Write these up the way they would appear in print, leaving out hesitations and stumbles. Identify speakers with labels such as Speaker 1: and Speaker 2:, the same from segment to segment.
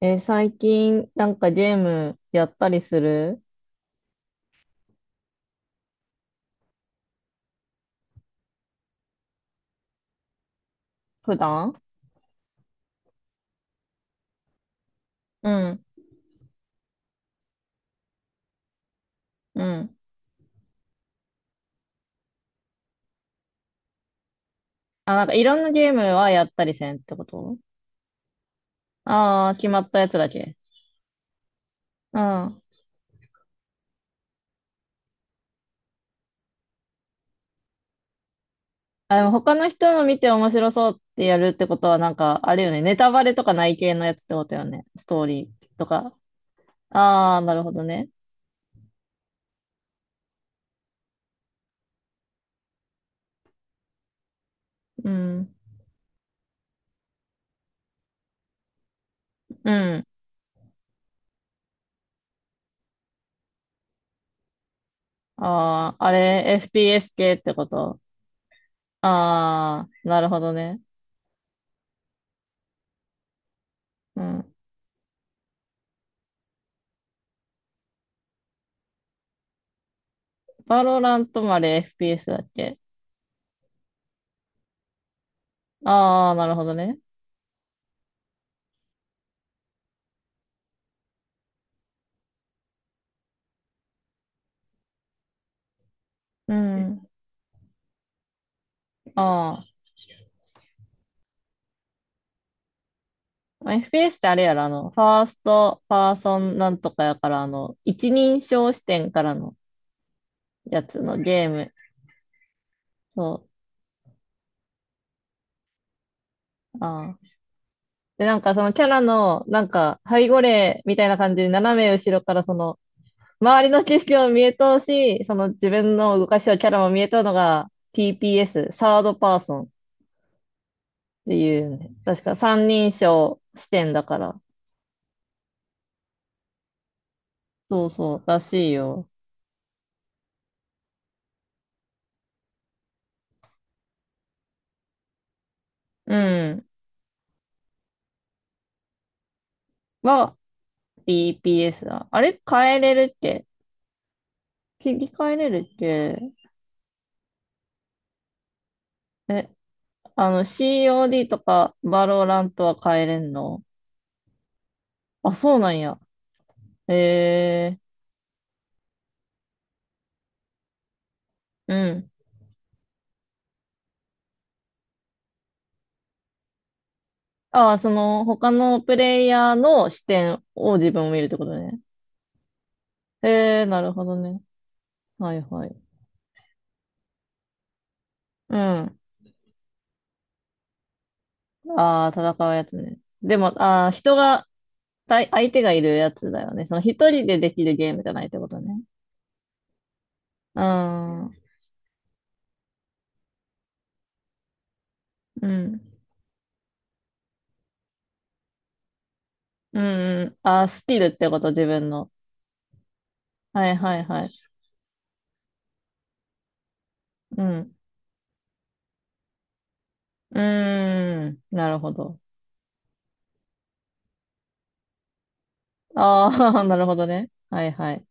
Speaker 1: 最近、なんかゲームやったりする？普段？うん、うん。あ、なんかいろんなゲームはやったりせんってこと？ああー、決まったやつだけ。うん。あ、でも他の人の見て面白そうってやるってことは、なんか、あれよね。ネタバレとかない系のやつってことよね。ストーリーとか。ああ、なるほどね。うん。うん。ああ、あれ、FPS 系ってこと？ああなるほどね。うん。バロラントもあれ FPS だっけ？ああ、なるほどね。うん。ああ。まあ FPS ってあれやろ。ファースト、パーソンなんとかやから、一人称視点からのやつのゲーム。そう。ああ。で、なんかそのキャラの、なんか、背後霊みたいな感じで斜め後ろからその、周りの景色も見えとうし、その自分の動かしをキャラも見えとうのが TPS、サードパーソンっていうね、確か三人称視点だから。そうそう、らしいよ。うん。は、BPS だ。あれ変えれるっけ？切り替えれるっけ？え、あの COD とかバローラントは変えれんの？あ、そうなんや。えー、うん。ああ、その他のプレイヤーの視点を自分を見るってことね。なるほどね。はいはい。うん。ああ、戦うやつね。でも、ああ、対相手がいるやつだよね。その一人でできるゲームじゃないってことね。うん。うん。うんうん。あ、スキルってこと、自分の。はいはいはい。うん。うーん。なるほど。ああ、なるほどね。はいはい。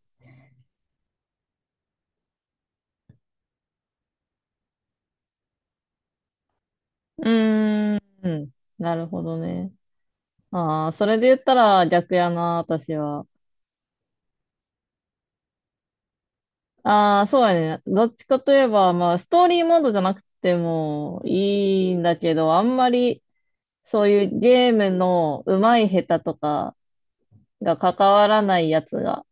Speaker 1: うーん。なるほどね。ああ、それで言ったら逆やな、私は。ああ、そうやね。どっちかといえば、まあ、ストーリーモードじゃなくてもいいんだけど、あんまりそういうゲームの上手い下手とかが関わらないやつが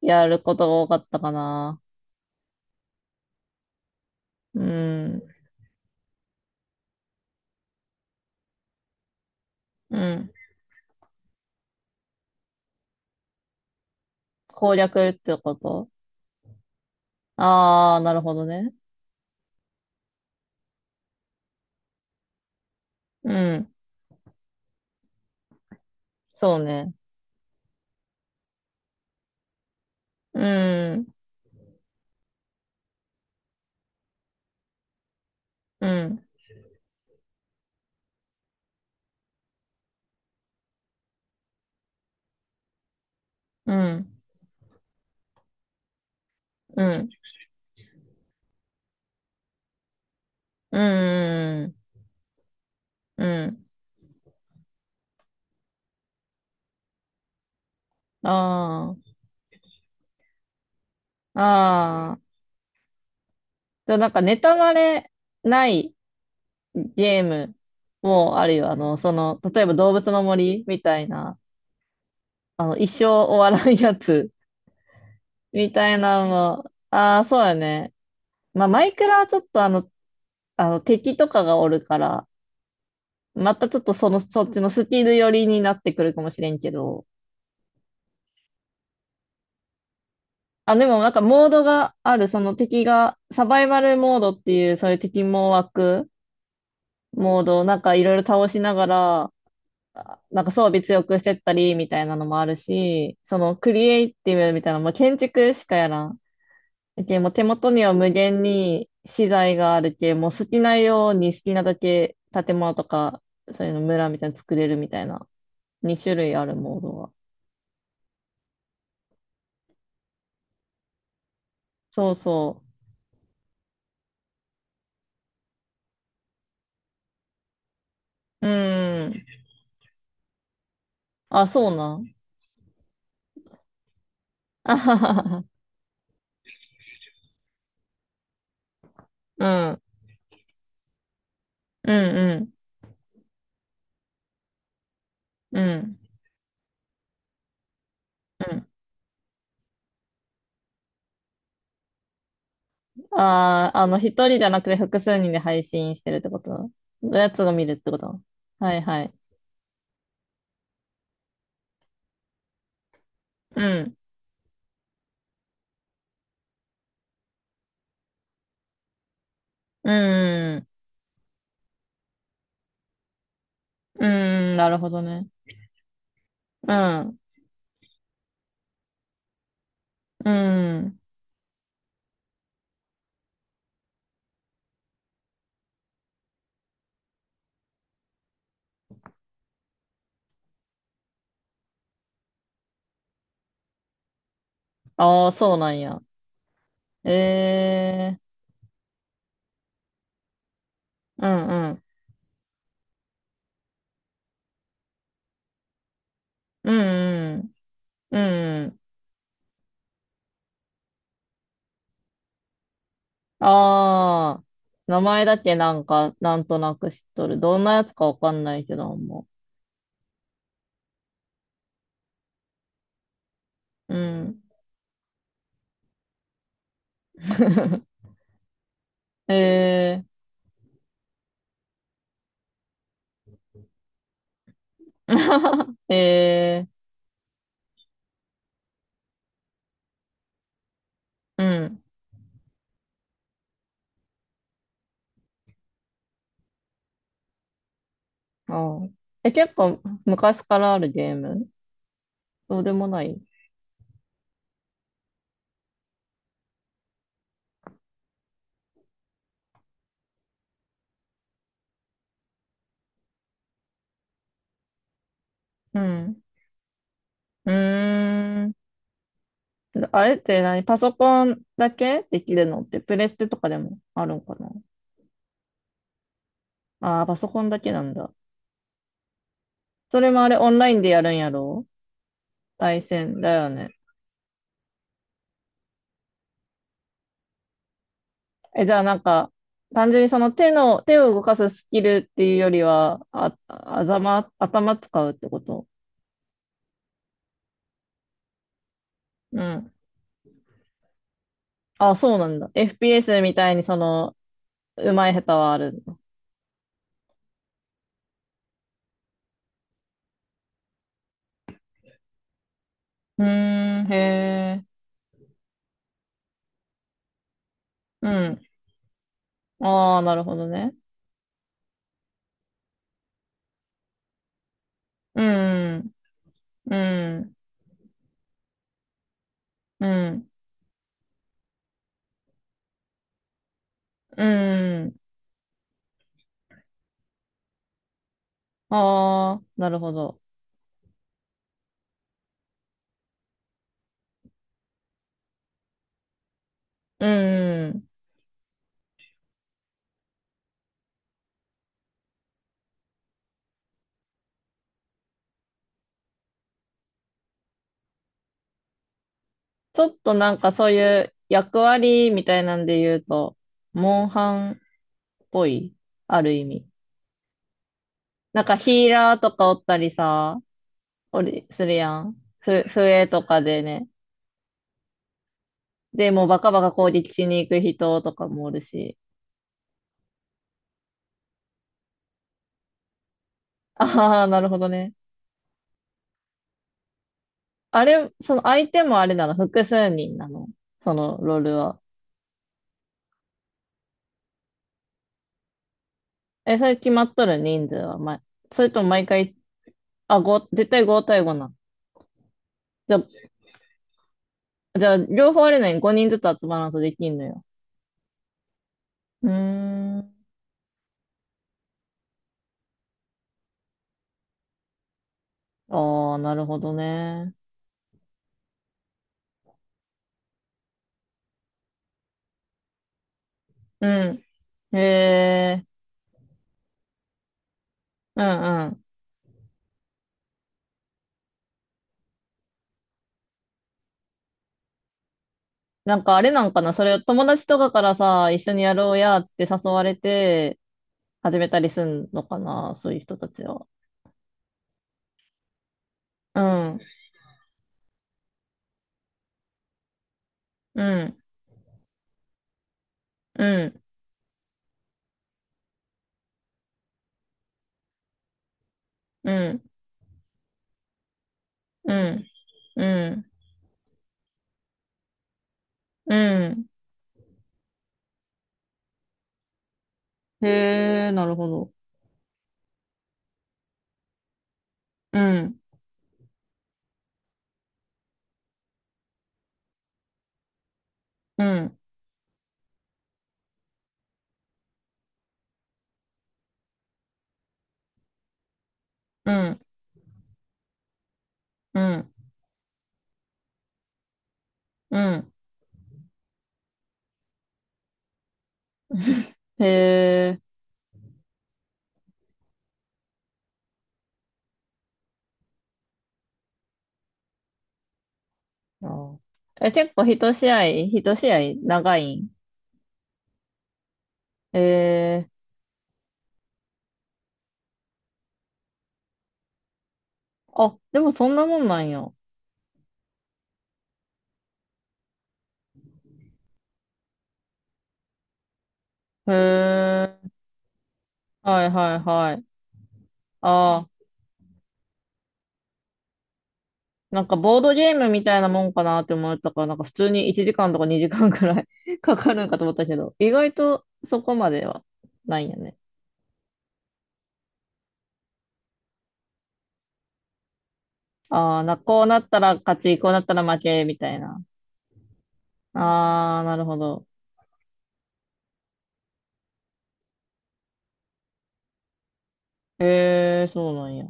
Speaker 1: やることが多かったかな。うん。うん。攻略ってこと？ああー、なるほどね。うん。そうね。うん。うん。うん。うん。うん。うん。ああ。ああ。でもなんか、ネタバレないゲームもあるよ。例えば動物の森みたいな、一生終わらんやつ みたいなのも、ああ、そうやね。まあ、マイクラはちょっと敵とかがおるから、またちょっとそっちのスキル寄りになってくるかもしれんけど。あ、でもなんかモードがある、その敵が、サバイバルモードっていう、そういう敵も湧くモードをなんかいろいろ倒しながら、あなんか装備強くしてったりみたいなのもあるし、そのクリエイティブみたいなのも建築しかやらん。けもう手元には無限に資材があるけ、もう好きなように好きなだけ建物とか、そういうの村みたいなの作れるみたいな、2種類あるモードが。そうそう。うーん。あ、そうなん。あははは。うん。うんうん。うん。うん。ああ、一人じゃなくて複数人で配信してるってこと？のやつが見るってこと？はいはい。うん。うん。うん。なるほどね。うん。うん。ああ、そうなんや。ええー。うんうん。うんうん。うんうん。ああ、名前だけなんか、なんとなく知っとる。どんなやつかわかんないけど、もう。うん。えー、えー、うん。あーえ、結構昔からあるゲーム？そうでもない？うん。うーん。あれって何？パソコンだけできるのって、プレステとかでもあるんかな？ああー、パソコンだけなんだ。それもあれオンラインでやるんやろ？対戦だよね。え、じゃあなんか、単純に手を動かすスキルっていうよりは、あ、頭使うってこと？うん。あ、そうなんだ。FPS みたいにうまい下手はあるんだ。うーん、へえ。うん。ああ、なるほどね。うん、うん、うん、うん。ああ、なるほど。うん。ちょっとなんかそういう役割みたいなんで言うと、モンハンっぽい、ある意味。なんかヒーラーとかおったりさ、するやん。笛とかでね。で、もうバカバカ攻撃しに行く人とかもおるし。ああ、なるほどね。あれ、その相手もあれなの？複数人なの？そのロールは。え、それ決まっとる人数は、ま、それとも毎回？あ、絶対5対5なの？じゃじゃあ、両方あれなに5人ずつ集まらんとできんのよ？うーん。ああ、なるほどね。うん。へえ、うんうん。なんかあれなんかな、それを友達とかからさ、一緒にやろうや、つって誘われて、始めたりすんのかな、そういう人たちは。うん、うん、うん、うん。うん、うん、うん。へえ、なるほど。うん、うん、うん、うん、うん。へえ。あーえ、結構一試合、一試合長いん？へえ。あ、でもそんなもんなんや。へえ。はいはいはい。ああ、なんかボードゲームみたいなもんかなって思ったから、なんか普通に1時間とか2時間くらい かかるんかと思ったけど、意外とそこまではないんやね。ああ、こうなったら勝ち、こうなったら負け、みたいな。ああ、なるほど。ええ、そうなんや。